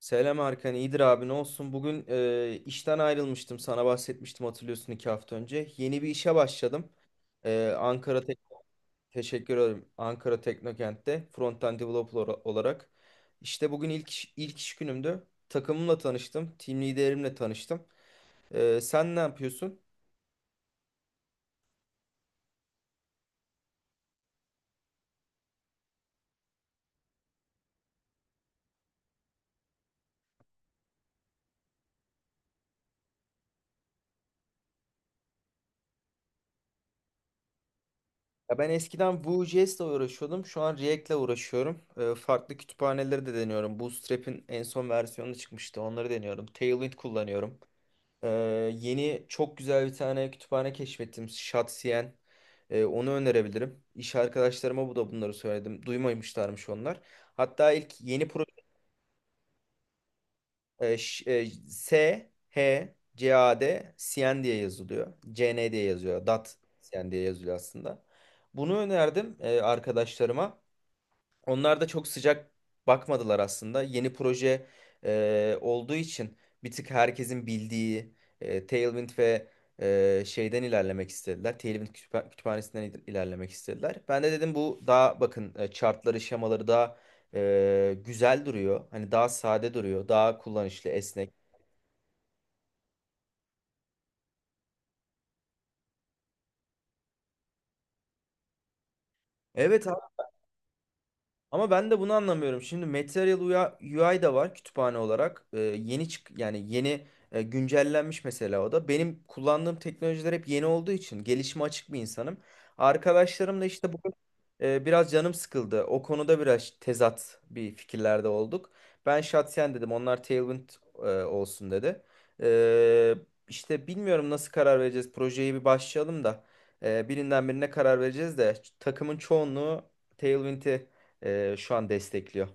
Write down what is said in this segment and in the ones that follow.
Selam Erkan, iyidir abi ne olsun. Bugün işten ayrılmıştım, sana bahsetmiştim hatırlıyorsun 2 hafta önce. Yeni bir işe başladım. E, Ankara Tek- Teşekkür ederim. Ankara Teknokent'te front-end olarak. İşte bugün ilk iş günümdü. Takımımla tanıştım, team liderimle tanıştım. Sen ne yapıyorsun? Ya ben eskiden Vue.js ile uğraşıyordum. Şu an React'le uğraşıyorum. Farklı kütüphaneleri de deniyorum. Bootstrap'in en son versiyonu çıkmıştı. Onları deniyorum. Tailwind kullanıyorum. Ee, Yeni çok güzel bir tane kütüphane keşfettim. Şatsiyen. Onu önerebilirim. İş arkadaşlarıma bu da bunları söyledim. Duymamışlarmış onlar. Hatta ilk yeni proje e, ş- e, S H C A D Sien diye yazılıyor. CN diye yazıyor. Dat Sien diye yazılıyor aslında. Bunu önerdim arkadaşlarıma. Onlar da çok sıcak bakmadılar aslında. Yeni olduğu için bir tık herkesin Tailwind şeyden ilerlemek istediler. Tailwind kütüphanesinden ilerlemek istediler. Ben de dedim bu daha chartları, şemaları güzel duruyor. Hani daha sade duruyor, daha kullanışlı, esnek. Evet. Ama ben de bunu anlamıyorum. Şimdi Material UI da var kütüphane olarak. Yeni çık yani güncellenmiş mesela o da. Benim kullandığım teknolojiler hep yeni olduğu için gelişime açık bir insanım. Arkadaşlarım da işte biraz canım sıkıldı. O konuda biraz tezat bir fikirlerde olduk. Ben Shatsen dedim. Onlar olsun dedi. Ee, işte bilmiyorum nasıl karar vereceğiz. Projeye bir başlayalım birinden birine karar vereceğiz de takımın çoğunluğu Tailwind'i şu an destekliyor.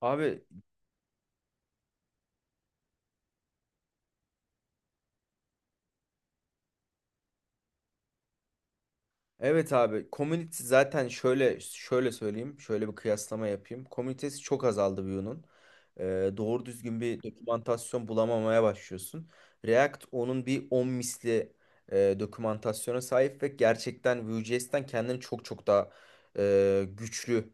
Abi. Evet abi, community zaten şöyle söyleyeyim, şöyle bir kıyaslama yapayım. Komünitesi çok azaldı Vue'nun. Doğru düzgün bir dokümantasyon bulamamaya başlıyorsun. React onun bir 10 dokümantasyona sahip ve gerçekten Vue.js'ten kendini çok çok güçlü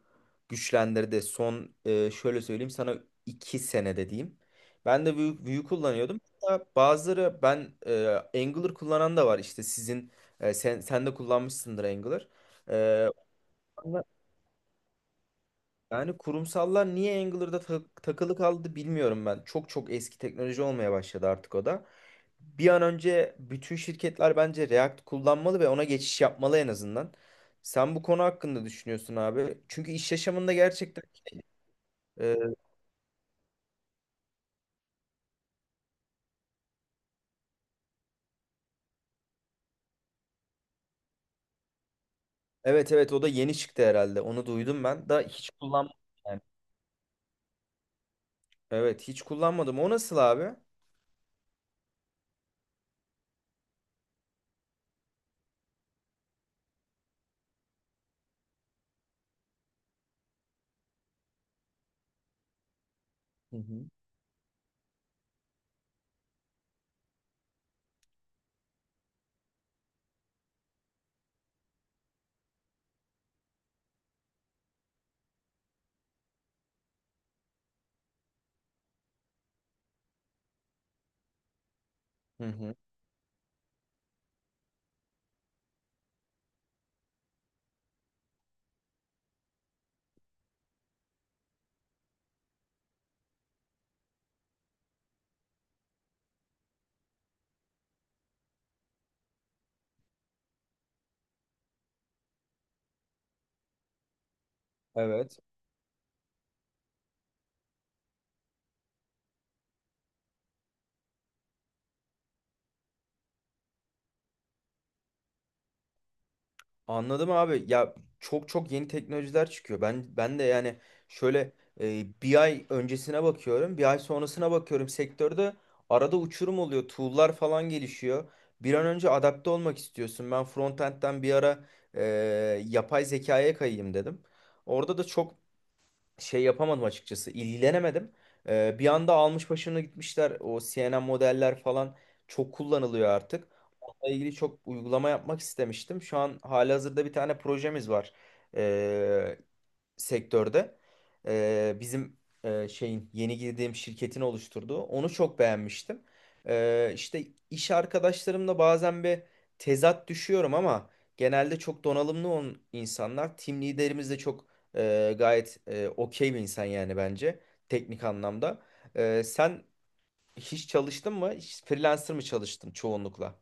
güçlendirdi. Şöyle söyleyeyim sana, 2 senede diyeyim. Ben de Vue kullanıyordum. Hatta Angular kullanan da var işte sen de kullanmışsındır Angular. E, Yani kurumsallar niye Angular'da takılı kaldı bilmiyorum ben. Çok çok eski teknoloji olmaya başladı artık o da. Bir an önce bütün şirketler bence React kullanmalı ve ona geçiş yapmalı en azından. Sen bu konu hakkında düşünüyorsun abi. Çünkü iş yaşamında e, evet, evet o da yeni çıktı herhalde. Onu duydum ben. Da hiç kullanmadım yani. Evet hiç kullanmadım. O nasıl abi? Hı hı. Hı hı. Evet. Anladım abi. Ya çok çok yeni teknolojiler çıkıyor. Ben de yani şöyle bir ay öncesine bakıyorum, bir ay sonrasına bakıyorum. Sektörde arada uçurum oluyor. Tool'lar falan gelişiyor. Bir an önce adapte olmak istiyorsun. Ben frontend'den bir e, yapay zekaya kayayım dedim. Orada da çok şey yapamadım açıkçası. İlgilenemedim. Bir anda almış başını gitmişler. O CNN modeller falan çok kullanılıyor artık. Onunla ilgili çok uygulama yapmak istemiştim. Şu an halihazırda bir tane projemiz var sektörde e, bizim e, şeyin, yeni girdiğim şirketin oluşturduğu, onu çok beğenmiştim. İşte iş arkadaşlarımla bazen bir tezat düşüyorum ama genelde çok donanımlı on insanlar. Team liderimiz de okey bir insan yani bence teknik anlamda. Sen hiç çalıştın mı? Hiç freelancer mı çalıştın çoğunlukla?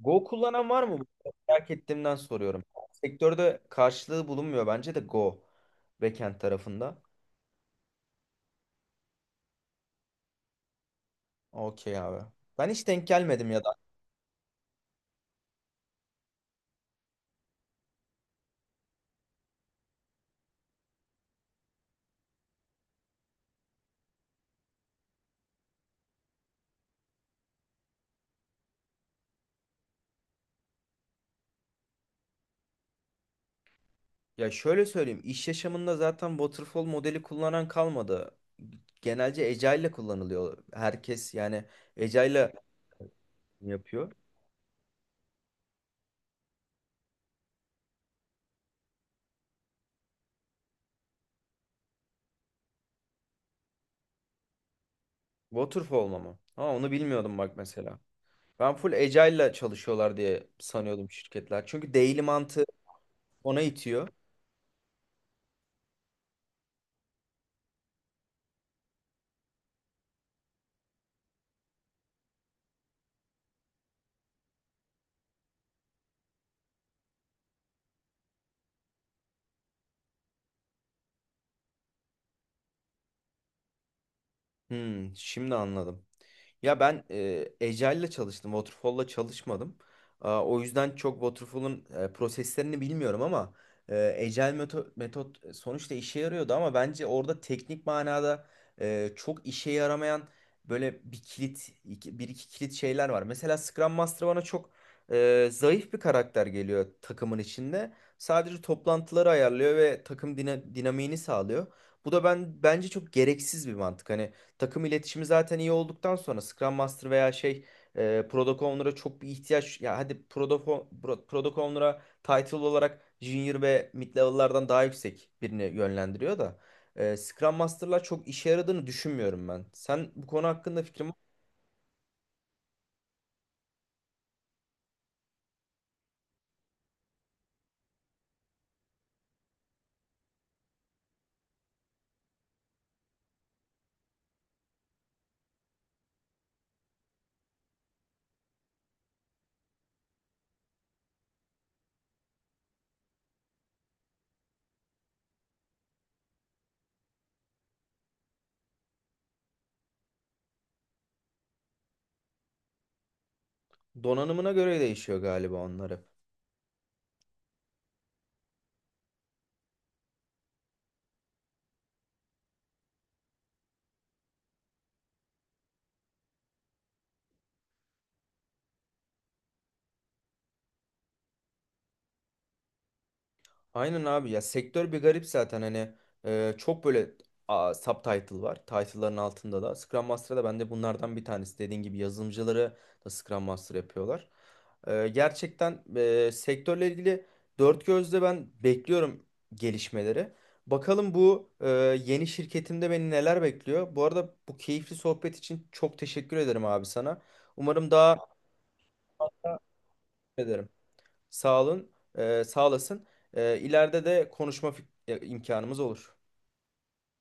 Go kullanan var mı? Merak ettiğimden soruyorum. Sektörde karşılığı bulunmuyor bence de Go backend tarafında. Okey abi. Ben hiç denk gelmedim ya da. Ya şöyle söyleyeyim, iş yaşamında zaten waterfall modeli kullanan kalmadı. Genelce Agile'le kullanılıyor. Herkes yani Agile'le yapıyor. Waterfall mı? Ha onu bilmiyordum bak mesela. Ben full Agile'la çalışıyorlar diye sanıyordum şirketler. Çünkü daily mantığı ona itiyor. Hmm, şimdi anladım. Ya Agile'la çalıştım, Waterfall'la çalışmadım. Aa, o yüzden çok proseslerini bilmiyorum ama Agile metot, sonuçta işe yarıyordu ama bence orada teknik çok işe yaramayan böyle bir iki kilit şeyler var. Mesela Scrum Master bana zayıf bir karakter geliyor takımın içinde. Sadece toplantıları ayarlıyor ve takım dinamiğini sağlıyor. Bu da ben bence çok gereksiz bir mantık. Hani takım iletişimi zaten iyi olduktan sonra Scrum Master veya Product Owner'a çok bir ihtiyaç ya hadi Product Owner'a title olarak Junior ve Mid level'lardan daha yüksek birini yönlendiriyor Scrum Master'lar çok işe yaradığını düşünmüyorum ben. Sen bu konu hakkında fikrin var mı? Donanımına göre değişiyor galiba onları. Aynen abi ya, sektör bir garip zaten hani e, çok böyle subtitle var. Title'ların altında da Scrum Master'da ben de bunlardan bir tanesi. Dediğin gibi yazılımcıları da Scrum Master yapıyorlar. Gerçekten sektörle ilgili dört gözle ben bekliyorum gelişmeleri. Bakalım yeni şirketimde beni neler bekliyor. Bu arada bu keyifli sohbet için çok teşekkür ederim abi sana. Umarım daha ederim. Sağ olun, sağ olasın. İleride de konuşma imkanımız olur.